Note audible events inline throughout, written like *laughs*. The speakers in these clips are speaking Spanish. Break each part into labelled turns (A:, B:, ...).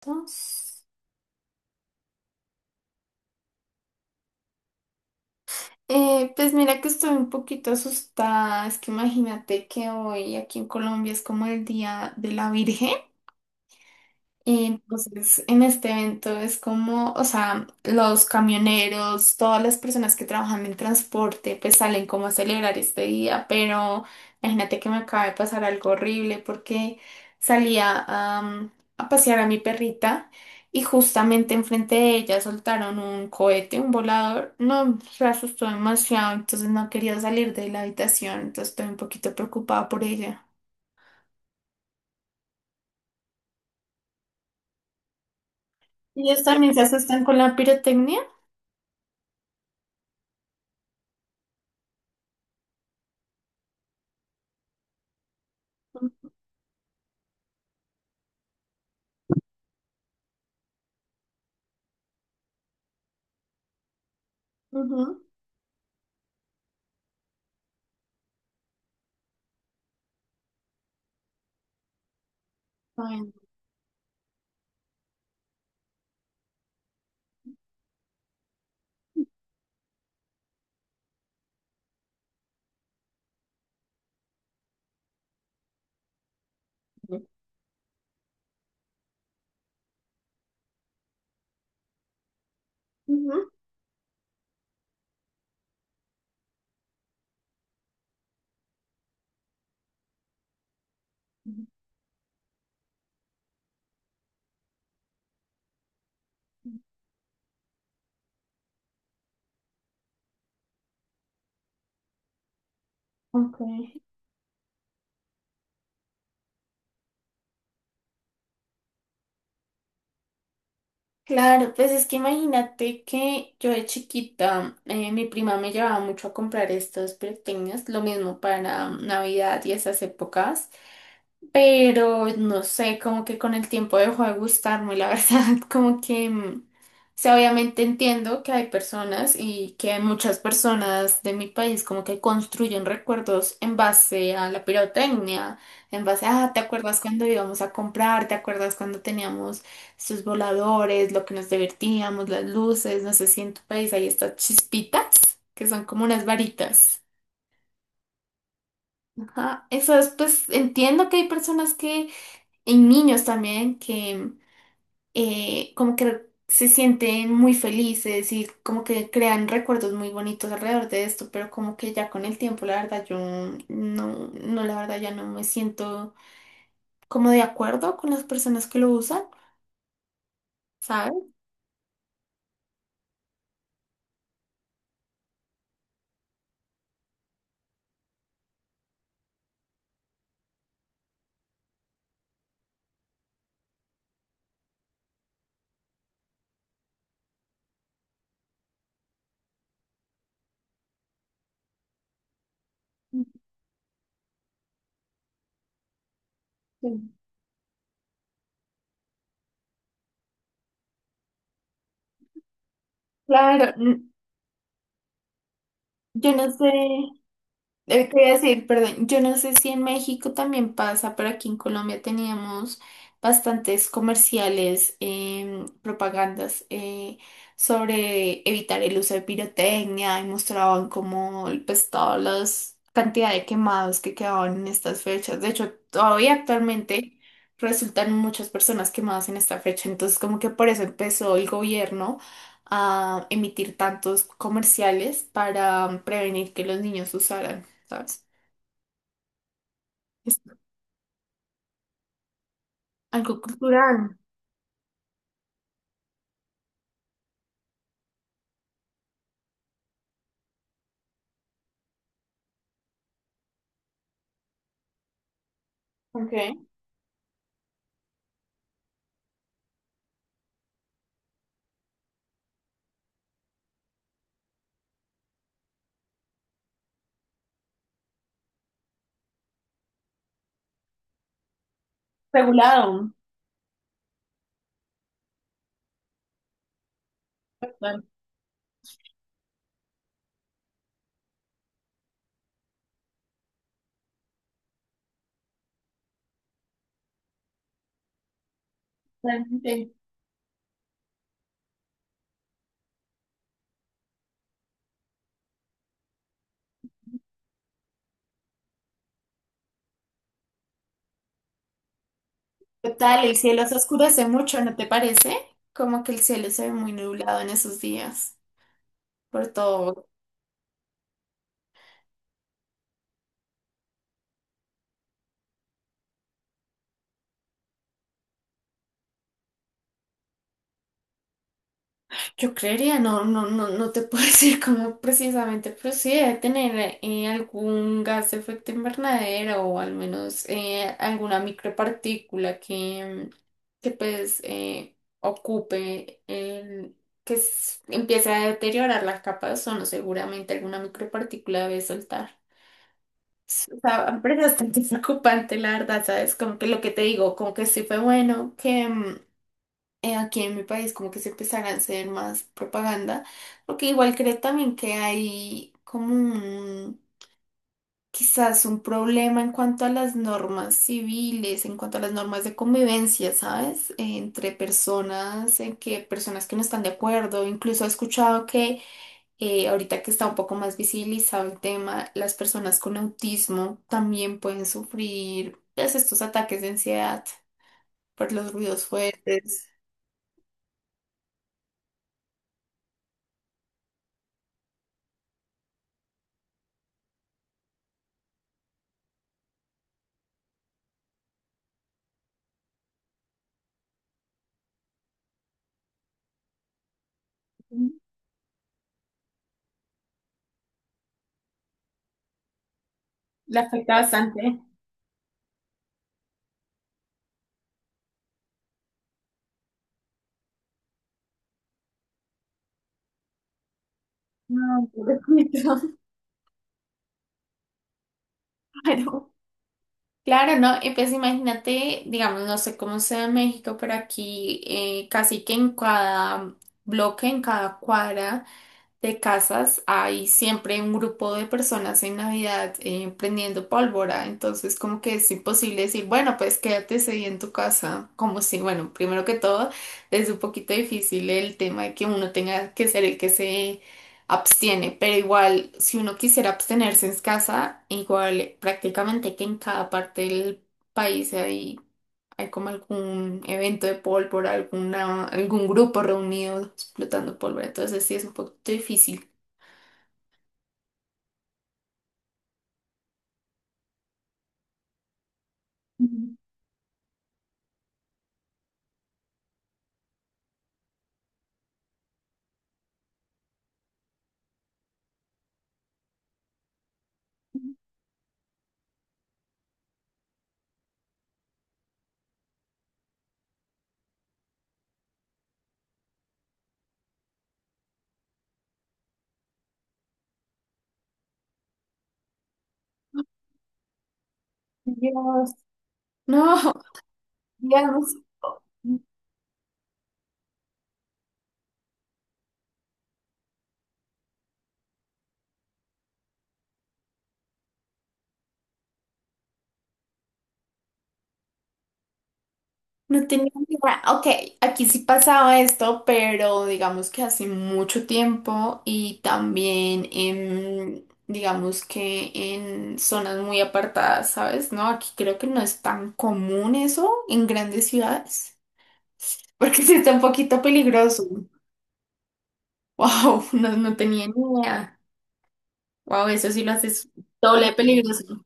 A: Entonces, pues mira que estoy un poquito asustada. Es que imagínate que hoy aquí en Colombia es como el Día de la Virgen. Entonces, en este evento es como, o sea, los camioneros, todas las personas que trabajan en transporte, pues salen como a celebrar este día, pero imagínate que me acaba de pasar algo horrible porque salía am, a pasear a mi perrita y justamente enfrente de ella soltaron un cohete, un volador. No, se asustó demasiado, entonces no quería salir de la habitación, entonces estoy un poquito preocupada por ella. ¿Y ellos también se asustan con la pirotecnia? Ujú. Ujú. Ok. Claro, pues es que imagínate que yo de chiquita, mi prima me llevaba mucho a comprar estos pequeños, lo mismo para Navidad y esas épocas, pero no sé, como que con el tiempo dejó de gustarme, la verdad, *laughs* como que, o sea, obviamente entiendo que hay personas y que hay muchas personas de mi país como que construyen recuerdos en base a la pirotecnia, en base a, ¿te acuerdas cuando íbamos a comprar? ¿Te acuerdas cuando teníamos sus voladores, lo que nos divertíamos, las luces, no sé si en tu país hay estas chispitas, que son como unas varitas? Ajá, eso es, pues entiendo que hay personas que, y niños también, que como que se sienten muy felices y como que crean recuerdos muy bonitos alrededor de esto, pero como que ya con el tiempo, la verdad, yo no, no, la verdad, ya no me siento como de acuerdo con las personas que lo usan, ¿sabes? Sí. Claro, yo no sé. Quería decir, perdón, yo no sé si en México también pasa, pero aquí en Colombia teníamos bastantes comerciales, propagandas sobre evitar el uso de pirotecnia y mostraban como pues todas las cantidad de quemados que quedaban en estas fechas. De hecho, todavía actualmente resultan muchas personas quemadas en esta fecha, entonces como que por eso empezó el gobierno a emitir tantos comerciales para prevenir que los niños usaran. ¿Sabes? Es algo cultural. Ok. Regulado, totalmente. Total, el cielo se oscurece mucho, ¿no te parece? Como que el cielo se ve muy nublado en esos días, por todo. Yo creería, no, no, no, no te puedo *laughs* decir cómo precisamente, pero sí debe tener algún gas de efecto invernadero o al menos alguna micropartícula que pues ocupe, el, que empiece a deteriorar la capa de ozono, seguramente alguna micropartícula debe soltar. O sea, *laughs* pero es bastante preocupante, la verdad, ¿sabes? Como que lo que te digo, como que sí fue bueno que. Aquí en mi país como que se empezara a hacer más propaganda, porque igual creo también que hay como un, quizás un problema en cuanto a las normas civiles, en cuanto a las normas de convivencia, ¿sabes? Entre personas, en que personas que no están de acuerdo, incluso he escuchado que ahorita que está un poco más visibilizado el tema, las personas con autismo también pueden sufrir pues, estos ataques de ansiedad por los ruidos fuertes. Le afecta bastante. No, *laughs* pobrecito. Claro, claro, ¿no? Y pues imagínate, digamos, no sé cómo sea en México, pero aquí casi que en cada bloque, en cada cuadra de casas hay siempre un grupo de personas en Navidad prendiendo pólvora, entonces como que es imposible decir, bueno, pues quédate ese día en tu casa, como si, bueno, primero que todo, es un poquito difícil el tema de que uno tenga que ser el que se abstiene, pero igual si uno quisiera abstenerse en casa, igual prácticamente que en cada parte del país hay como algún evento de pólvora, alguna, algún grupo reunido explotando pólvora. Entonces sí es un poquito difícil. Mm, Dios. No, Dios. No tenía ni idea. Ok, aquí sí pasaba esto, pero digamos que hace mucho tiempo y también en, digamos que en zonas muy apartadas, ¿sabes? No, aquí creo que no es tan común eso en grandes ciudades, porque sí está un poquito peligroso. Wow, *laughs* no, no tenía ni idea. Wow, eso sí lo haces doble de peligroso.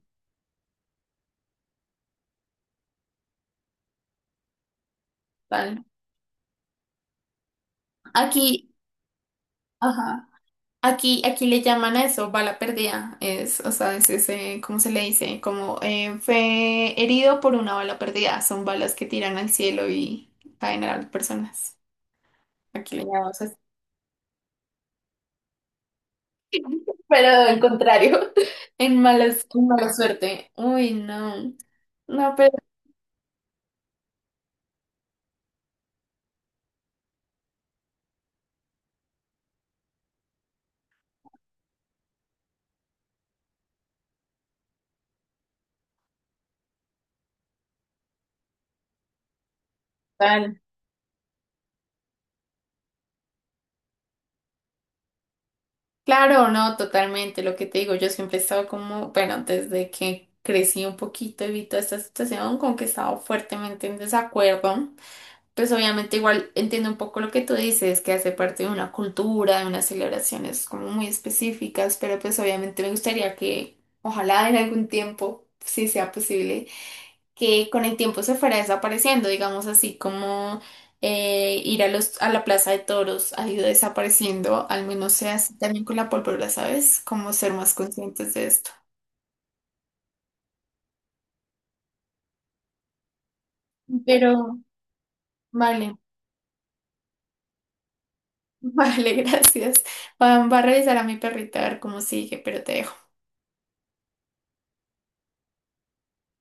A: Tal. Aquí, ajá. Aquí, aquí le llaman a eso bala perdida. Es, o sea, es ese, ¿cómo se le dice? Como fue herido por una bala perdida. Son balas que tiran al cielo y caen a las personas. Aquí le llamamos así. Pero al contrario, *laughs* en malas, en mala suerte. Uy, no. No, pero tal. Claro, no, totalmente. Lo que te digo, yo siempre he estado como, bueno, desde que crecí un poquito y vi toda esta situación, como que he estado fuertemente en desacuerdo. Pues obviamente igual entiendo un poco lo que tú dices, que hace parte de una cultura, de unas celebraciones como muy específicas, pero pues obviamente me gustaría que ojalá en algún tiempo, si sea posible que con el tiempo se fuera desapareciendo, digamos así como ir a los, a la plaza de toros ha ido desapareciendo, al menos sea así también con la pólvora, ¿sabes? Como ser más conscientes de esto. Pero, vale. *laughs* Vale, gracias. Va, va a revisar a mi perrita a ver cómo sigue, pero te dejo.